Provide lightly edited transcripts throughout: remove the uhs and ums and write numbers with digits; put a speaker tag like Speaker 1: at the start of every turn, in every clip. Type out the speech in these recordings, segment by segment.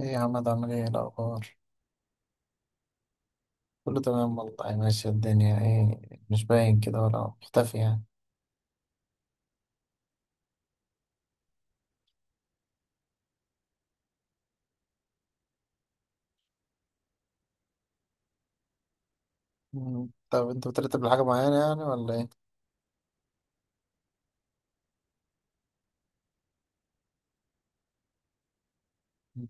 Speaker 1: ايه يا عم، عامل ايه الاخبار؟ كله تمام والله. ماشية الدنيا ايه؟ مش باين كده ولا مختفي يعني. طب انت بترتب لحاجة معينة يعني ولا ايه؟ مم.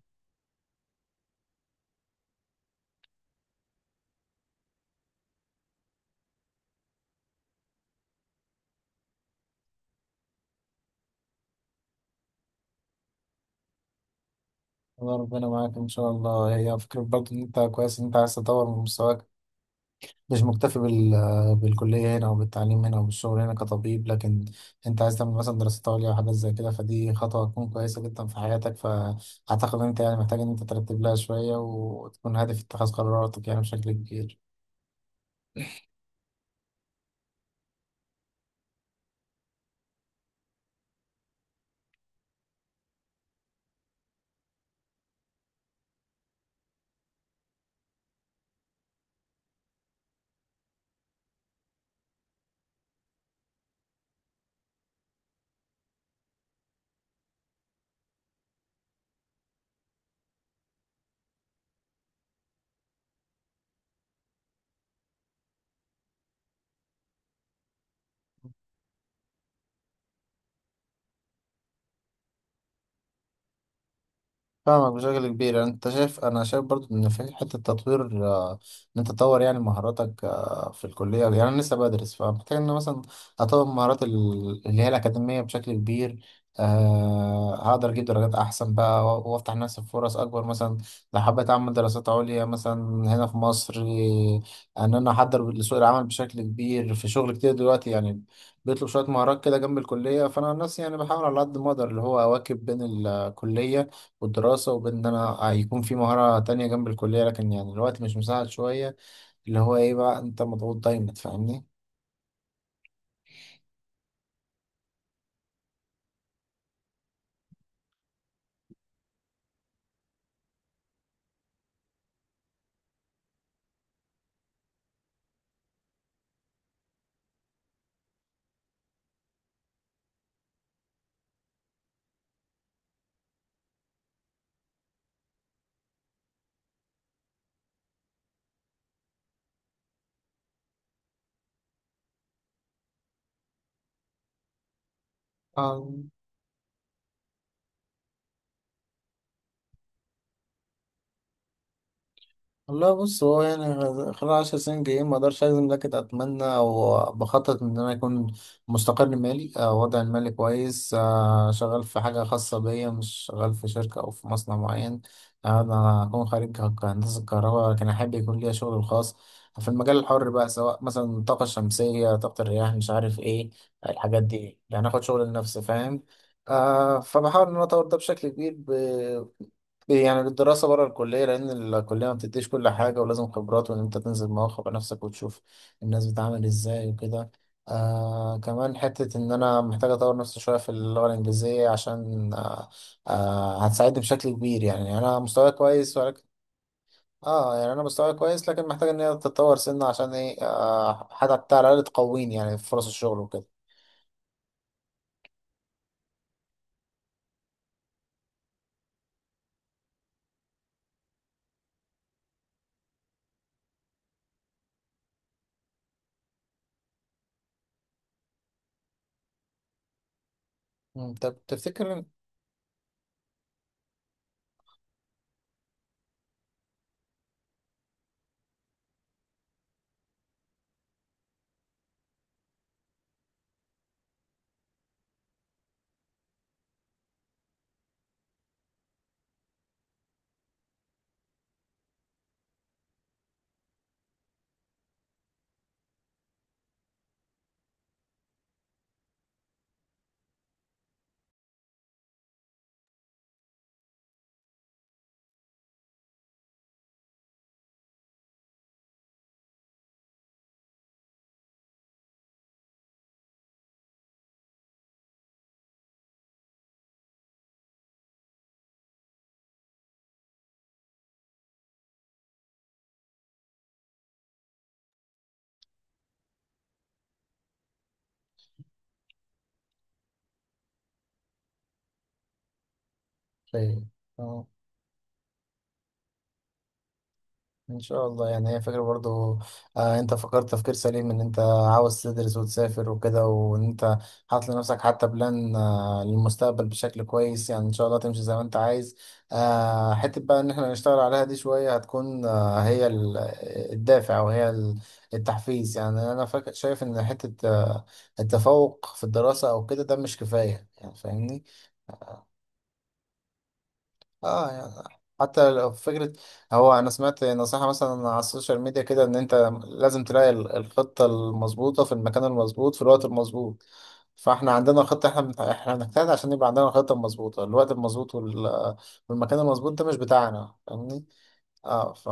Speaker 1: الله ربنا معاك ان شاء الله. هي فكرة برضه، ان انت كويس ان انت عايز تطور من مستواك، مش مكتفي بالكلية هنا وبالتعليم هنا وبالشغل هنا كطبيب، لكن انت عايز تعمل مثلا دراسات عليا وحاجات زي كده، فدي خطوة هتكون كويسة جدا في حياتك. فاعتقد ان انت يعني محتاج ان انت ترتب لها شوية وتكون هادف في اتخاذ قراراتك يعني بشكل كبير. فاهمك بشكل كبير. يعني انت شايف، انا شايف برضو ان في حته تطوير، ان انت تطور يعني مهاراتك، في الكليه يعني انا لسه بدرس، فمحتاج ان أنا مثلا اطور مهارات اللي هي الاكاديميه بشكل كبير. أه هقدر اجيب درجات احسن بقى وافتح لنفسي فرص اكبر، مثلا لو حبيت اعمل دراسات عليا مثلا هنا في مصر. ان انا احضر لسوق العمل بشكل كبير. في شغل كتير دلوقتي يعني بيطلب شويه مهارات كده جنب الكليه، فانا عن نفسي يعني بحاول على قد ما اقدر اللي هو اواكب بين الكليه والدراسة وبين إن أنا هيكون في مهارة تانية جنب الكلية، لكن يعني الوقت مش مساعد شوية. اللي هو إيه بقى، أنت مضغوط دايما، فاهمني؟ والله بص، هو يعني خلال 10 سنين جايين ما اقدرش اجزم، لكن اتمنى او بخطط ان انا اكون مستقر مالي، وضعي المالي كويس، شغال في حاجه خاصه بيا، مش شغال في شركه او في مصنع معين. انا هكون خريج هندسه كهرباء، لكن احب يكون ليا شغل الخاص في المجال الحر بقى، سواء مثلا الطاقه الشمسيه، طاقه الرياح، مش عارف ايه الحاجات دي، يعني اخد شغل لنفسي، فاهم. آه، فبحاول ان انا اطور ده بشكل كبير. يعني الدراسة بره الكلية، لأن الكلية ما بتديش كل حاجة، ولازم خبرات، وإن أنت تنزل مواقع بنفسك وتشوف الناس بتتعامل إزاي وكده. آه كمان حتة إن أنا محتاج أطور نفسي شوية في اللغة الإنجليزية، عشان آه، آه هتساعدني بشكل كبير يعني. يعني أنا مستواي كويس ولكن، اه يعني انا مستواي كويس لكن محتاج ان هي تتطور سنة، عشان ايه، آه حتى على الاقل تقويني يعني في فرص الشغل وكده. طب تفتكر طيب. آه. ان شاء الله. يعني هي فكرة برضو، آه انت فكرت تفكير سليم، ان انت عاوز تدرس وتسافر وكده، وان انت حاطط لنفسك حتى بلان، آه للمستقبل بشكل كويس، يعني ان شاء الله تمشي زي ما انت عايز. آه حتة بقى ان احنا نشتغل عليها دي شوية، هتكون آه هي الدافع، او هي التحفيز. يعني انا فاكر شايف ان حتة آه التفوق في الدراسة او كده ده مش كفاية يعني، فاهمني. اه يعني حتى لو فكرة، هو أنا سمعت نصيحة مثلا على السوشيال ميديا كده، إن أنت لازم تلاقي الخطة المظبوطة في المكان المظبوط في الوقت المظبوط. فاحنا عندنا خطة، احنا احنا بنجتهد عشان يبقى عندنا الخطة المظبوطة، الوقت المظبوط، والمكان المظبوط ده مش بتاعنا، فاهمني؟ اه ف،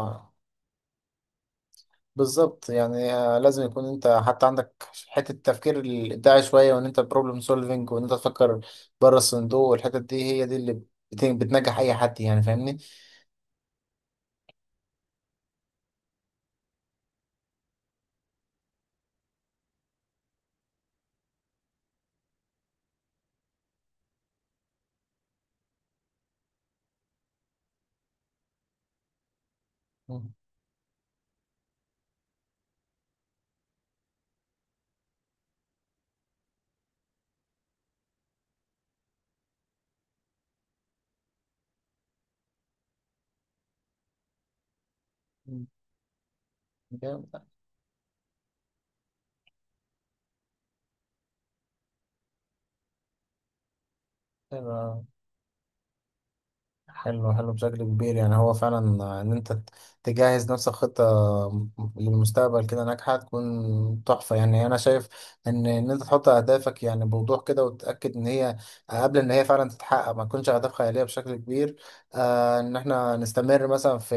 Speaker 1: بالظبط يعني. لازم يكون انت حتى عندك حتة التفكير الإبداعي شوية، وإن أنت بروبلم سولفينج، وإن أنت تفكر بره الصندوق. والحتة دي هي دي اللي بتنجح أي حد، يعني فاهمني؟ مم. جامد. حلو أوي. حلو بشكل كبير. يعني هو فعلا ان انت تجهز نفسك خطة للمستقبل كده ناجحة، تكون تحفة يعني. انا شايف ان انت تحط اهدافك يعني بوضوح كده، وتتأكد ان هي قبل ان هي فعلا تتحقق ما تكونش اهداف خيالية بشكل كبير. آه ان احنا نستمر مثلا في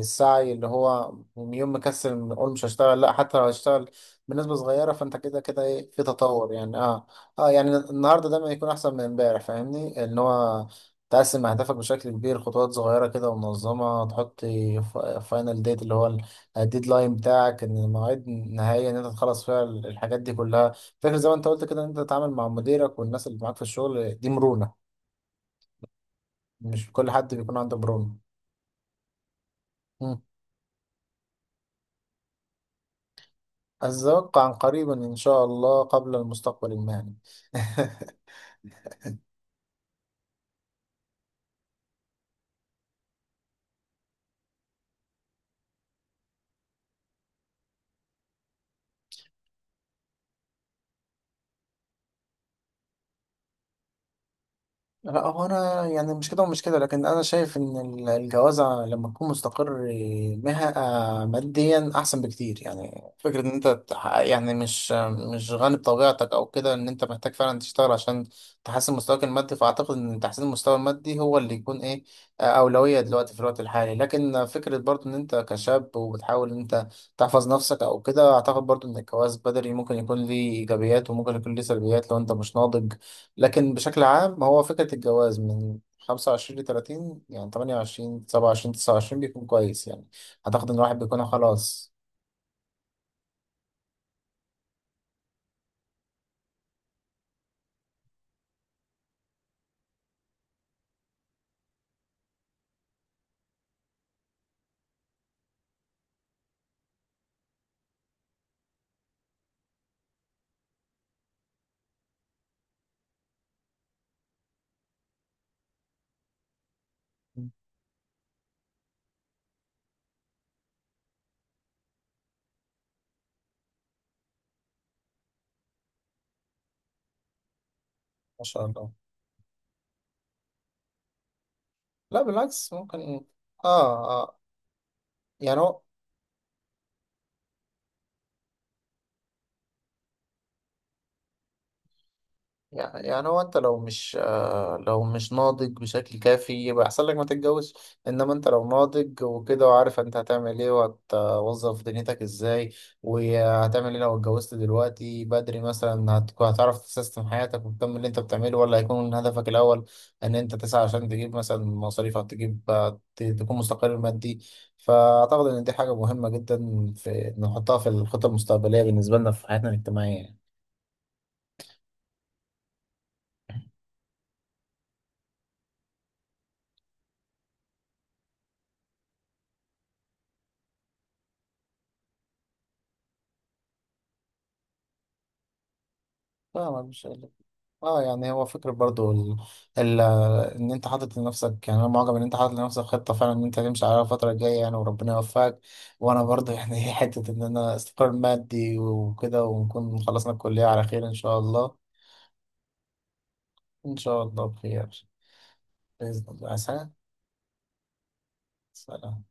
Speaker 1: السعي، اللي هو يوم مكسل نقول مش هشتغل، لا، حتى لو هشتغل بنسبة صغيرة، فانت كده كده ايه، في تطور يعني. اه اه يعني النهارده دايما يكون احسن من امبارح، فاهمني. ان هو تقسم أهدافك بشكل كبير خطوات صغيرة كده ومنظمة، تحط فاينل ديت، اللي هو الديدلاين بتاعك، إن مواعيد نهائية إن أنت تخلص فيها الحاجات دي كلها. فاكر زي ما أنت قلت كده، إن أنت تتعامل مع مديرك والناس اللي معاك في الشغل دي مرونة. مش كل حد بيكون عنده مرونة. مم. أتوقع عن قريبا إن شاء الله، قبل المستقبل المهني. لا هو انا يعني مش كده ومش كده، لكن انا شايف ان الجوازة لما تكون مستقر مها ماديا احسن بكتير. يعني فكرة ان انت يعني مش غني بطبيعتك او كده، ان انت محتاج فعلا تشتغل عشان تحسن مستواك المادي. فاعتقد ان تحسين المستوى المادي هو اللي يكون ايه، اولوية دلوقتي في الوقت الحالي. لكن فكرة برضو ان انت كشاب، وبتحاول ان انت تحفظ نفسك او كده، اعتقد برضو ان الجواز بدري ممكن يكون ليه ايجابيات، وممكن يكون ليه سلبيات لو انت مش ناضج. لكن بشكل عام هو فكرة الجواز من 25 ل 30، يعني 28 27 29 بيكون كويس يعني. أعتقد إن الواحد بيكون خلاص. ما شاء الله. لا بالعكس، ممكن. آه آه. يعني هو يعني يعني هو انت لو مش، لو مش ناضج بشكل كافي، يبقى احسن لك ما تتجوزش. انما انت لو ناضج وكده، وعارف انت هتعمل ايه، وهتوظف دنيتك ازاي، وهتعمل ايه لو اتجوزت دلوقتي بدري مثلا، هتكون هتعرف تسيستم حياتك وتكمل اللي انت بتعمله، ولا هيكون هدفك الاول ان انت تسعى عشان تجيب مثلا مصاريفك، تجيب تكون مستقر مادي. فاعتقد ان دي حاجة مهمة جدا في نحطها في الخطة المستقبلية بالنسبة لنا في حياتنا الاجتماعية. فاهمك مش، اه يعني هو فكرة برضو ال... ان انت حاطط لنفسك. يعني انا معجب ان انت حاطط لنفسك خطة فعلا، ان انت تمشي عليها الفترة الجاية يعني، وربنا يوفقك. وانا برضو يعني حتة ان انا استقرار مادي وكده، ونكون خلصنا الكلية على خير ان شاء الله. ان شاء الله بخير. بإذن الله. سلام. سلام.